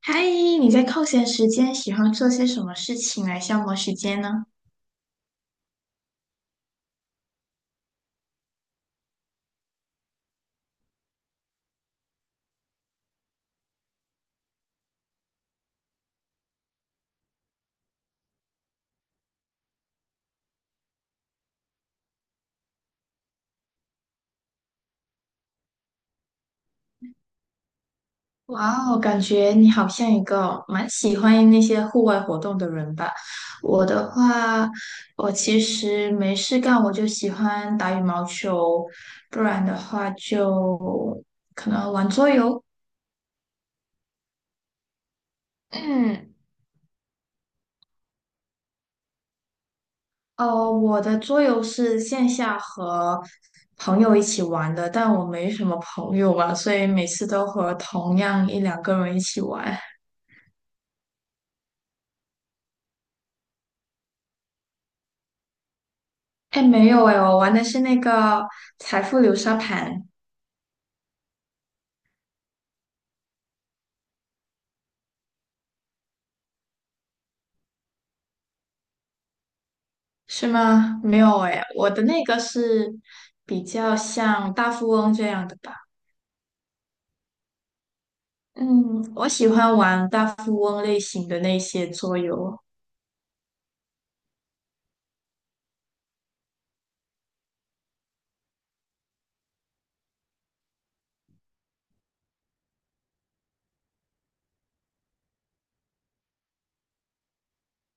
嗨，你在空闲时间喜欢做些什么事情来消磨时间呢？哇哦，感觉你好像一个蛮喜欢那些户外活动的人吧。我的话，我其实没事干，我就喜欢打羽毛球，可能玩桌游。嗯，哦，我的桌游是线下和朋友一起玩的，但我没什么朋友嘛，所以每次都和同样一两个人一起玩。哎，没有哎，我玩的是那个财富流沙盘，是吗？没有哎，我的那个是比较像大富翁这样的吧。嗯，我喜欢玩大富翁类型的那些桌游，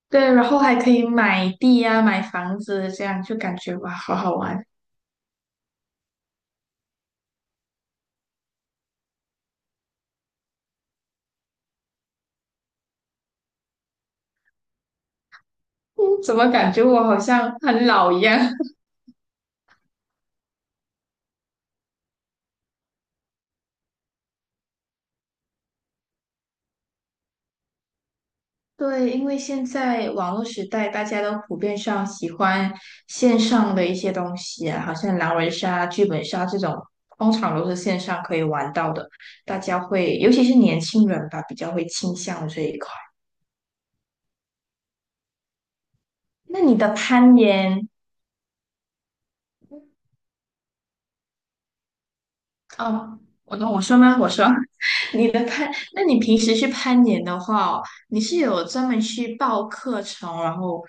对，然后还可以买地呀、买房子，这样就感觉哇，好好玩。嗯，怎么感觉我好像很老一样？对，因为现在网络时代，大家都普遍上喜欢线上的一些东西啊，好像狼人杀、剧本杀这种，通常都是线上可以玩到的。大家会，尤其是年轻人吧，比较会倾向这一块。那你的攀岩，哦，我说吗？我说，你的攀，那你平时去攀岩的话哦你是有专门去报课程，然后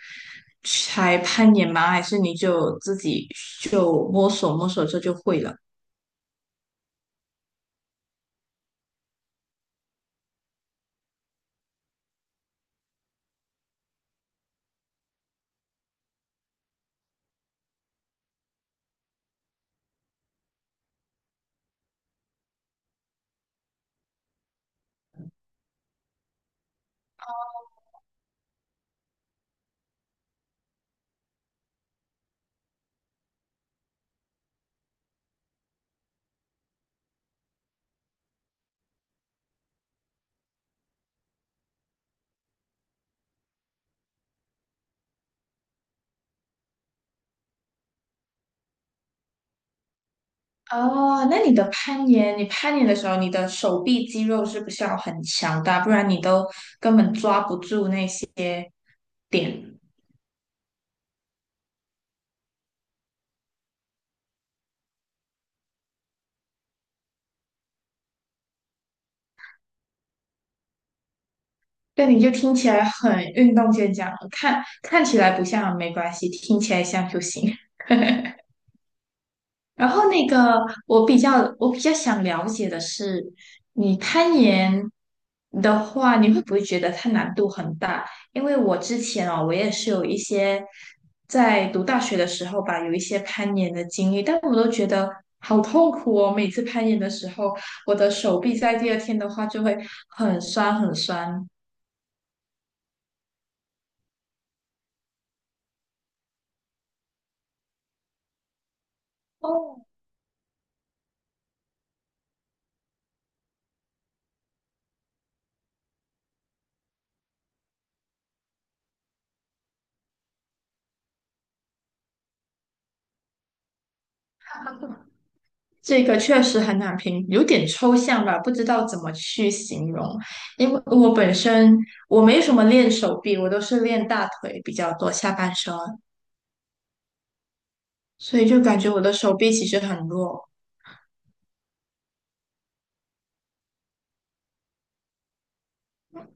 才攀岩吗？还是你就自己就摸索摸索这就会了？哦，那你的攀岩，你攀岩的时候，你的手臂肌肉是不是要很强大？不然你都根本抓不住那些点。对，你就听起来很运动健将，看起来不像没关系，听起来像就行。然后那个，我比较想了解的是，你攀岩的话，你会不会觉得它难度很大？因为我之前哦，我也是有一些在读大学的时候吧，有一些攀岩的经历，但是我都觉得好痛苦哦。每次攀岩的时候，我的手臂在第二天的话就会很酸很酸。哦。这个确实很难评，有点抽象吧，不知道怎么去形容。因为我本身我没什么练手臂，我都是练大腿比较多，下半身，所以就感觉我的手臂其实很弱。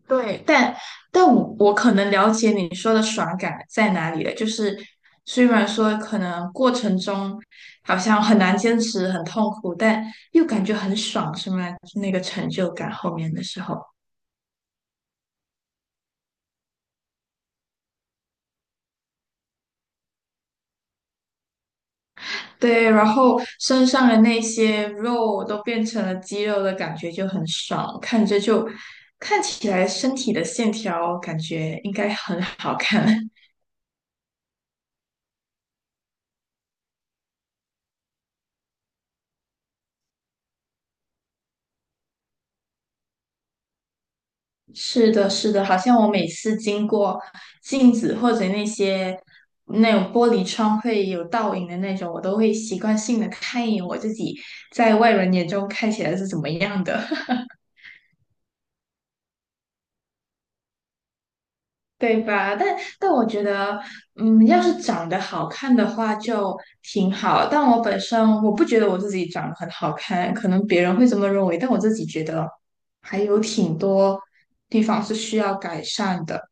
对，但我可能了解你说的爽感在哪里了，就是虽然说可能过程中好像很难坚持，很痛苦，但又感觉很爽，是吗？那个成就感后面的时候。对，然后身上的那些肉都变成了肌肉的感觉就很爽，看着就看起来身体的线条感觉应该很好看。是的，是的，好像我每次经过镜子或者那些那种玻璃窗会有倒影的那种，我都会习惯性的看一眼我自己在外人眼中看起来是怎么样的。对吧？但我觉得，嗯，要是长得好看的话就挺好。但我本身我不觉得我自己长得很好看，可能别人会这么认为，但我自己觉得还有挺多地方是需要改善的。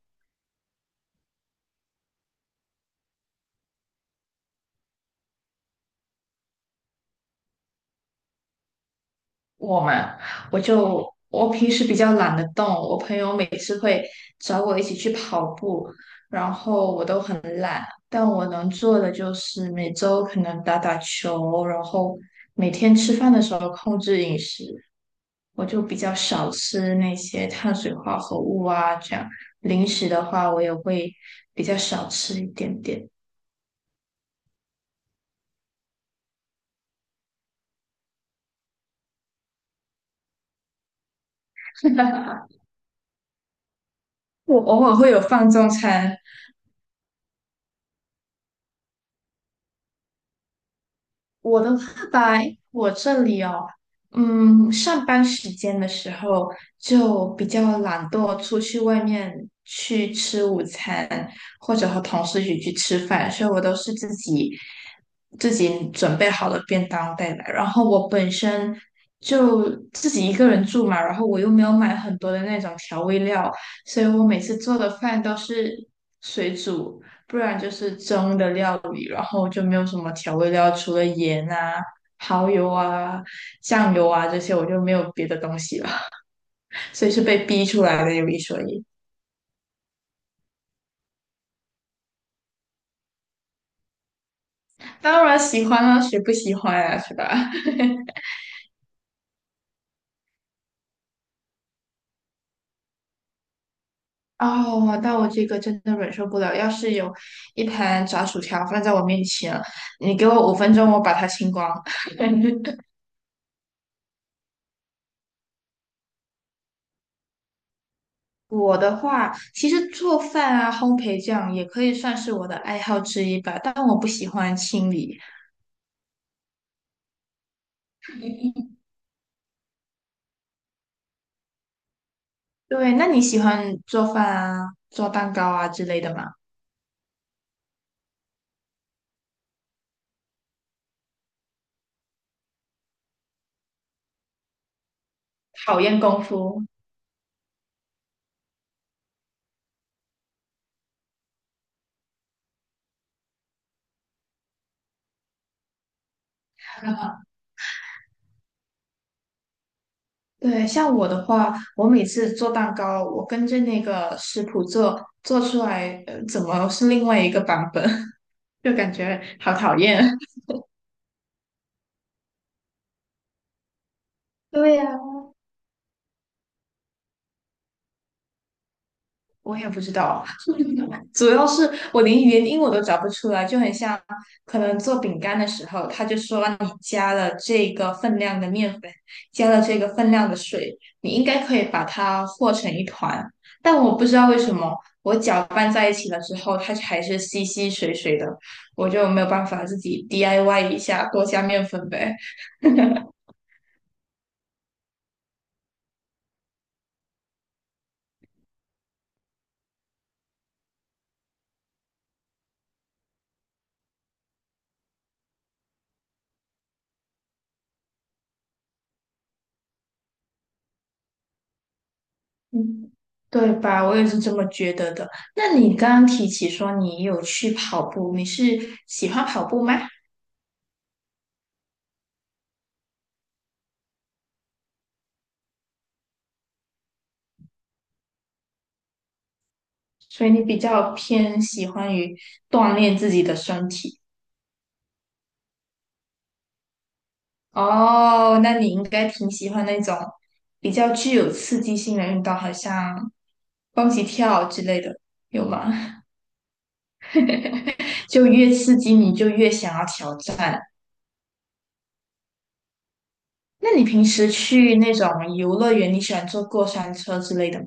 我嘛，我就我平时比较懒得动，我朋友每次会找我一起去跑步，然后我都很懒，但我能做的就是每周可能打打球，然后每天吃饭的时候控制饮食。我就比较少吃那些碳水化合物啊，这样零食的话，我也会比较少吃一点点。我偶尔会有放纵餐，我的话吧，我这里哦，嗯，上班时间的时候就比较懒惰，出去外面去吃午餐，或者和同事一起去吃饭，所以我都是自己准备好了便当带来。然后我本身就自己一个人住嘛，然后我又没有买很多的那种调味料，所以我每次做的饭都是水煮。不然就是蒸的料理，然后就没有什么调味料，除了盐啊、蚝油啊、酱油啊这些，我就没有别的东西了，所以是被逼出来的，有一说一。当然喜欢啊，谁不喜欢啊，是吧？哦，那我这个真的忍受不了。要是有一盘炸薯条放在我面前，你给我五分钟，我把它清光。我的话，其实做饭啊、烘焙这样也可以算是我的爱好之一吧，但我不喜欢清理。对，那你喜欢做饭啊、做蛋糕啊之类的吗？讨厌功夫，对，像我的话，我每次做蛋糕，我跟着那个食谱做，做出来，怎么是另外一个版本，就感觉好讨厌。对呀，我也不知道。主要是我连原因我都找不出来，就很像可能做饼干的时候，他就说你加了这个分量的面粉，加了这个分量的水，你应该可以把它和成一团。但我不知道为什么，我搅拌在一起了之后，它还是稀稀水水的，我就没有办法自己 DIY 一下，多加面粉呗。嗯，对吧？我也是这么觉得的。那你刚刚提起说你有去跑步，你是喜欢跑步吗？所以你比较偏喜欢于锻炼自己的身体哦，那你应该挺喜欢那种比较具有刺激性的运动，好像蹦极跳之类的，有吗？就越刺激你就越想要挑战。那你平时去那种游乐园，你喜欢坐过山车之类的吗？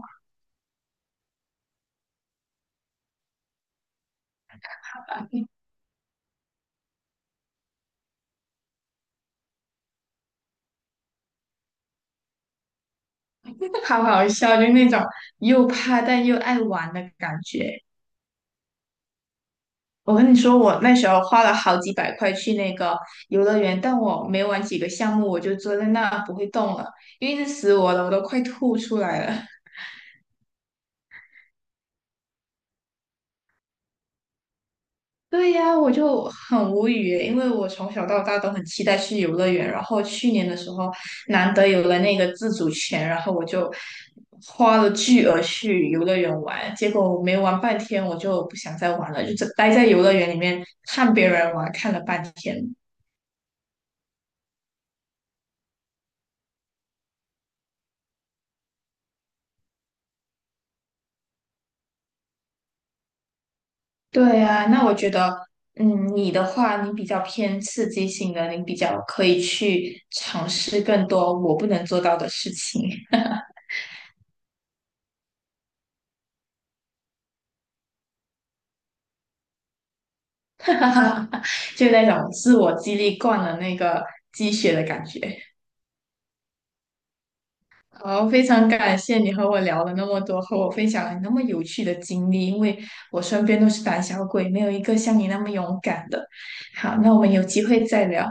好好笑，就那种又怕但又爱玩的感觉。我跟你说，我那时候花了好几百块去那个游乐园，但我没玩几个项目，我就坐在那不会动了，因为一直死我了，我都快吐出来了。对呀，我就很无语耶因为我从小到大都很期待去游乐园，然后去年的时候难得有了那个自主权，然后我就花了巨额去游乐园玩，结果我没玩半天，我就不想再玩了，就只待在游乐园里面看别人玩，看了半天。对呀，那我觉得，嗯，你的话，你比较偏刺激性的，你比较可以去尝试更多我不能做到的事情，哈哈哈就那种自我激励惯了那个鸡血的感觉。好，非常感谢你和我聊了那么多，和我分享了你那么有趣的经历，因为我身边都是胆小鬼，没有一个像你那么勇敢的。好，那我们有机会再聊。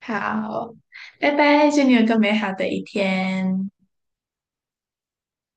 好，拜拜，祝你有个美好的一天。